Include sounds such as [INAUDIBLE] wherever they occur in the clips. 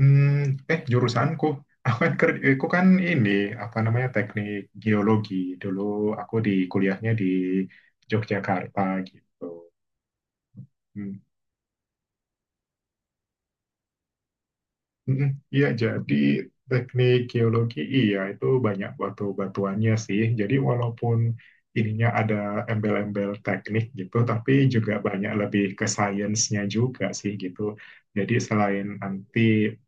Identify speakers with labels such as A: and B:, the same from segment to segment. A: Hmm, jurusanku, aku kan ini apa namanya teknik geologi dulu aku di kuliahnya di Yogyakarta gitu. Hmm. Mm, Iya, jadi teknik geologi iya itu banyak batu-batuannya sih. Jadi walaupun ininya ada embel-embel teknik gitu, tapi juga banyak lebih ke sainsnya juga sih gitu. Jadi selain nanti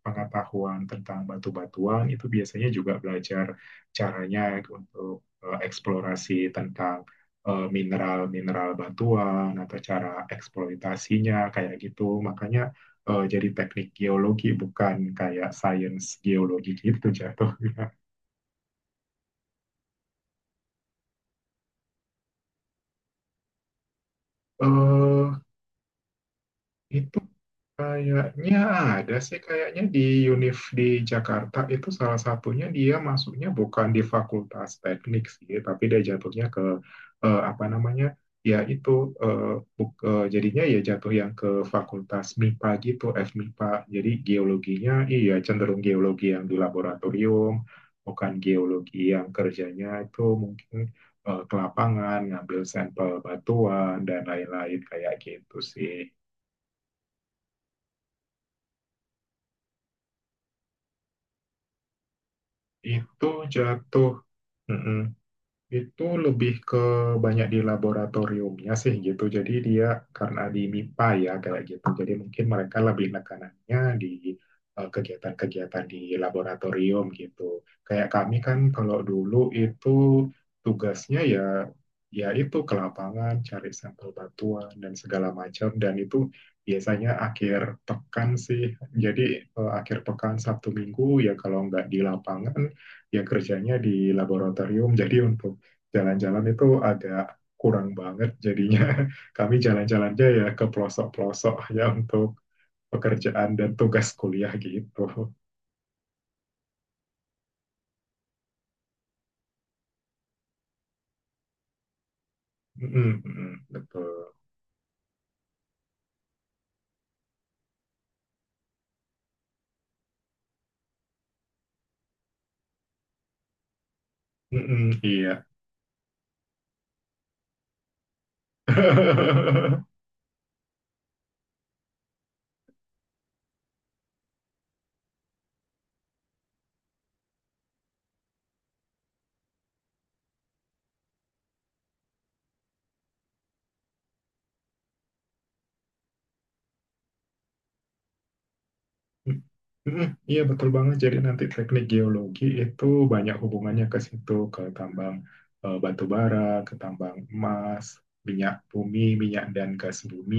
A: pengetahuan tentang batu-batuan itu biasanya juga belajar caranya untuk eksplorasi tentang mineral-mineral batuan atau cara eksploitasinya kayak gitu. Makanya jadi teknik geologi bukan kayak sains geologi gitu jatuh. eh itu kayaknya ada sih, kayaknya di UNIF di Jakarta itu salah satunya dia masuknya bukan di Fakultas Teknik sih, tapi dia jatuhnya ke apa namanya? Ya itu eh, jadinya ya jatuh yang ke Fakultas MIPA gitu, FMIPA. Jadi geologinya iya cenderung geologi yang di laboratorium, bukan geologi yang kerjanya itu mungkin ke lapangan, ngambil sampel batuan dan lain-lain kayak gitu sih. Itu jatuh. Mm-mm. Itu lebih ke banyak di laboratoriumnya sih gitu. Jadi dia karena di MIPA ya kayak gitu. Jadi mungkin mereka lebih nekanannya di kegiatan-kegiatan di laboratorium gitu. Kayak kami kan kalau dulu itu tugasnya ya itu ke lapangan cari sampel batuan dan segala macam dan itu biasanya akhir pekan sih. Jadi akhir pekan Sabtu Minggu ya kalau nggak di lapangan ya kerjanya di laboratorium. Jadi untuk jalan-jalan itu agak kurang banget jadinya [LAUGHS] kami jalan-jalannya ya ke pelosok-pelosok ya untuk pekerjaan dan tugas kuliah gitu. Mm-mm, betul. Mm-mm, iya. [LAUGHS] Mm, Iya betul banget. Jadi nanti teknik geologi itu banyak hubungannya ke situ, ke tambang batu bara, ke tambang emas, minyak bumi, minyak dan gas bumi.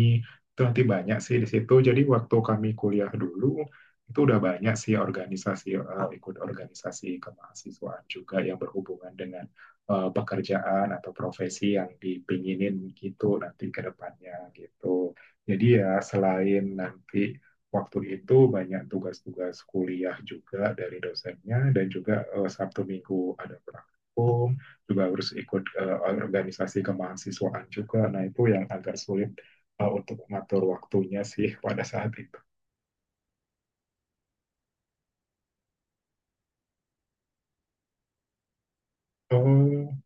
A: Itu nanti banyak sih di situ. Jadi waktu kami kuliah dulu itu udah banyak sih organisasi ikut organisasi kemahasiswaan juga yang berhubungan dengan pekerjaan atau profesi yang dipinginin gitu nanti ke depannya gitu. Jadi ya selain nanti waktu itu banyak tugas-tugas kuliah juga dari dosennya dan juga Sabtu Minggu ada praktikum juga harus ikut organisasi kemahasiswaan juga nah itu yang agak sulit untuk mengatur waktunya sih pada saat itu. Oh,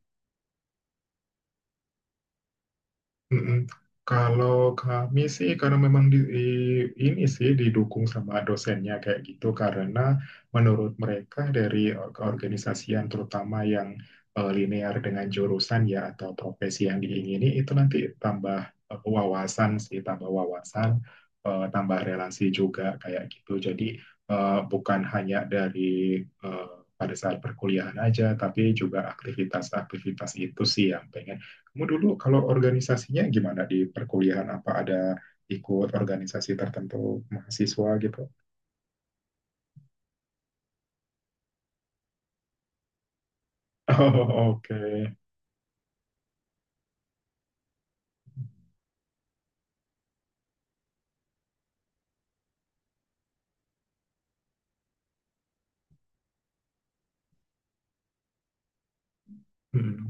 A: mm-mm. Kalau kami sih karena memang ini sih didukung sama dosennya kayak gitu karena menurut mereka dari keorganisasian terutama yang linear dengan jurusan ya atau profesi yang diingini itu nanti tambah wawasan sih tambah wawasan tambah relasi juga kayak gitu jadi bukan hanya dari eh, pada saat perkuliahan aja tapi juga aktivitas-aktivitas itu sih yang pengen kamu dulu kalau organisasinya gimana di perkuliahan? Apa ada ikut organisasi tertentu mahasiswa gitu? [LAUGHS] Oh, oke. Hmm.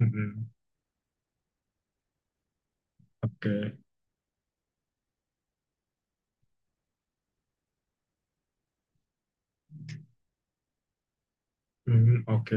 A: Hmm. Oke. Hmm, oke.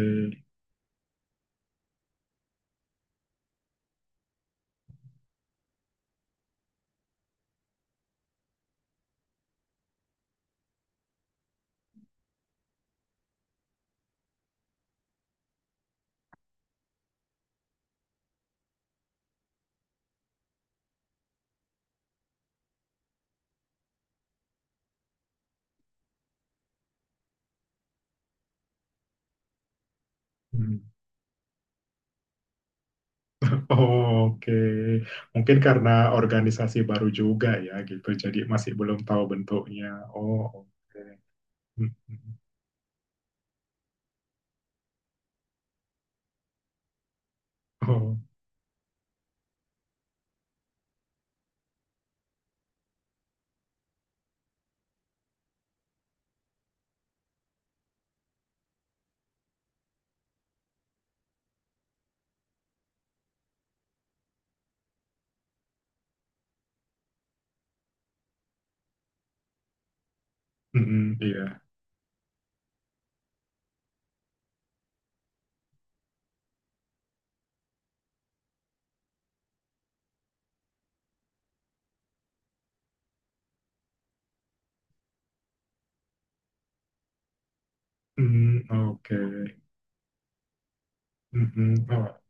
A: Hmm. Oh, oke, mungkin karena organisasi baru juga ya gitu, jadi masih belum tahu bentuknya. Oh, oke. Hmm, hmm. Oh, hmm, hmm, iya. Hmm, oke. Hmm, hmm. Oh,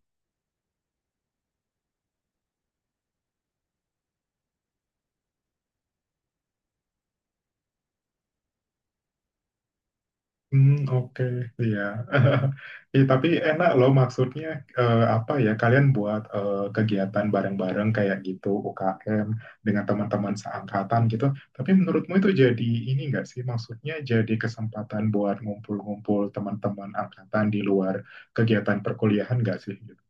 A: hmm, oke, iya. [LAUGHS] Ih, tapi enak loh maksudnya apa ya? Kalian buat kegiatan bareng-bareng kayak gitu UKM dengan teman-teman seangkatan gitu. Tapi menurutmu itu jadi ini nggak sih? Maksudnya jadi kesempatan buat ngumpul-ngumpul teman-teman angkatan di luar kegiatan perkuliahan nggak sih? Gitu.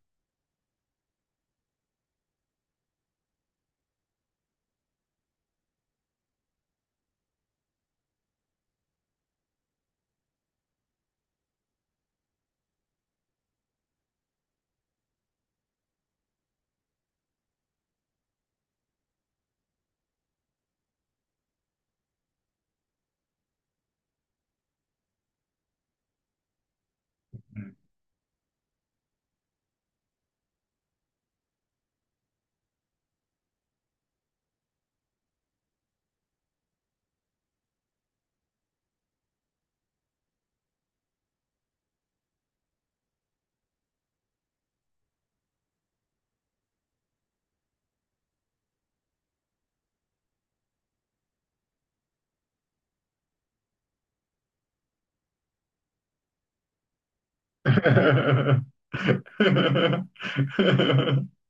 A: Hmm. [LAUGHS]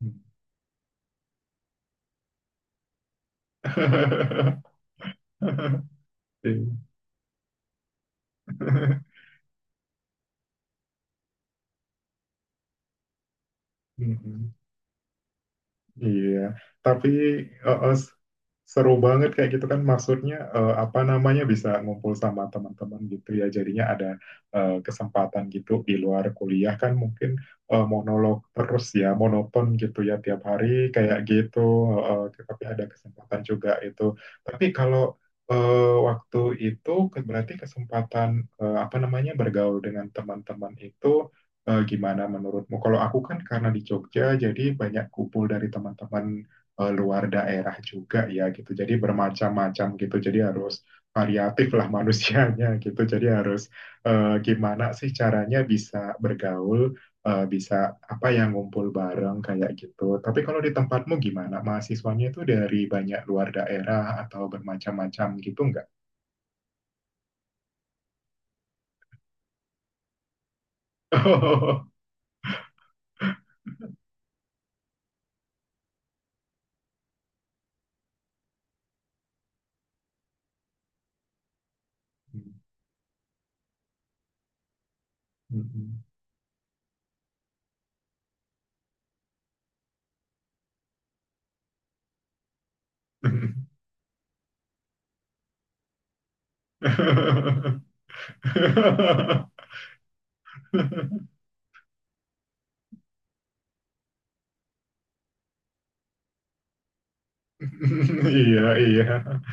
A: Hmm. [LAUGHS] Iya. [LAUGHS] Hmm. Iya, tapi eh, eh, s- seru banget kayak gitu kan maksudnya apa namanya bisa ngumpul sama teman-teman gitu ya. Jadinya ada kesempatan gitu di luar kuliah kan mungkin monolog terus ya, monoton gitu ya tiap hari kayak gitu. Tapi ada kesempatan juga itu. Tapi kalau waktu itu berarti kesempatan apa namanya bergaul dengan teman-teman itu gimana menurutmu? Kalau aku kan karena di Jogja, jadi banyak kumpul dari teman-teman luar daerah juga ya gitu. Jadi bermacam-macam gitu. Jadi harus variatif lah manusianya [LAUGHS] gitu. Jadi harus gimana sih caranya bisa bergaul, bisa apa yang ngumpul bareng kayak gitu. Tapi kalau di tempatmu gimana? Mahasiswanya itu dari banyak luar daerah atau bermacam-macam gitu nggak? [LAUGHS] [LAUGHS] [LAUGHS] [LAUGHS] Iya, iya. [LAUGHS]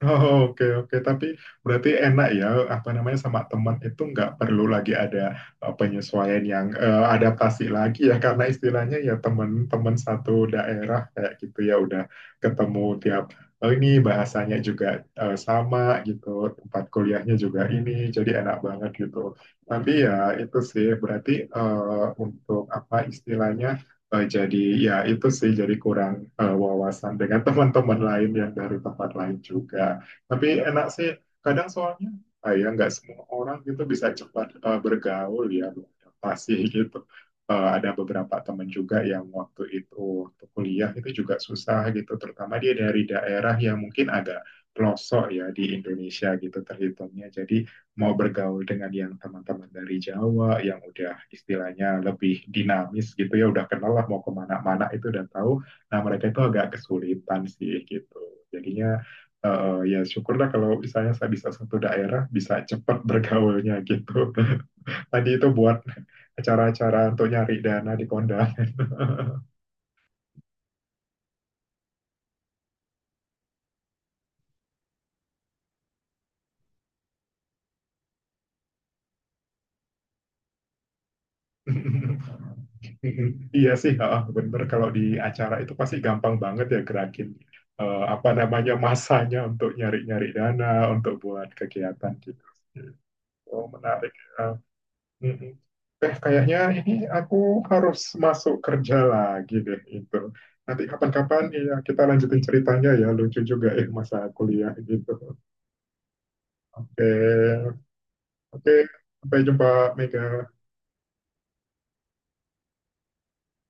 A: Oh, oke, oke. Tapi berarti enak ya, apa namanya, sama teman itu nggak perlu lagi ada penyesuaian yang adaptasi lagi ya, karena istilahnya ya teman-teman satu daerah kayak gitu ya, udah ketemu tiap, oh ini bahasanya juga sama gitu, tempat kuliahnya juga ini, jadi enak banget gitu. Tapi ya itu sih, berarti untuk apa istilahnya, eh, jadi ya itu sih jadi kurang wawasan dengan [LAUGHS] teman-teman lain yang dari tempat lain juga. Tapi enak sih kadang soalnya ya nggak semua orang gitu bisa cepat bergaul ya beradaptasi [LAUGHS] gitu. Eh, ada beberapa teman juga yang waktu kuliah itu juga susah gitu, terutama dia dari daerah yang mungkin agak pelosok ya di Indonesia gitu terhitungnya. Jadi mau bergaul dengan yang teman-teman dari Jawa yang udah istilahnya lebih dinamis gitu ya udah kenal lah mau kemana-mana itu udah tahu nah mereka itu agak kesulitan sih gitu jadinya ya syukurlah kalau misalnya saya bisa satu daerah bisa cepat bergaulnya gitu [LAUGHS] tadi itu buat acara-acara untuk nyari dana di kondangan [LAUGHS] Mhm. Iya sih, heeh, bener. Kalau di acara itu pasti gampang banget ya gerakin apa namanya masanya untuk nyari-nyari dana untuk buat kegiatan gitu. Oh, menarik. Eh, mm-mm. Eh, kayaknya ini aku harus masuk kerja lagi deh itu. Nanti kapan-kapan ya kita lanjutin ceritanya ya. Lucu juga ya masa kuliah gitu. Oke, oke. Sampai jumpa, Mega.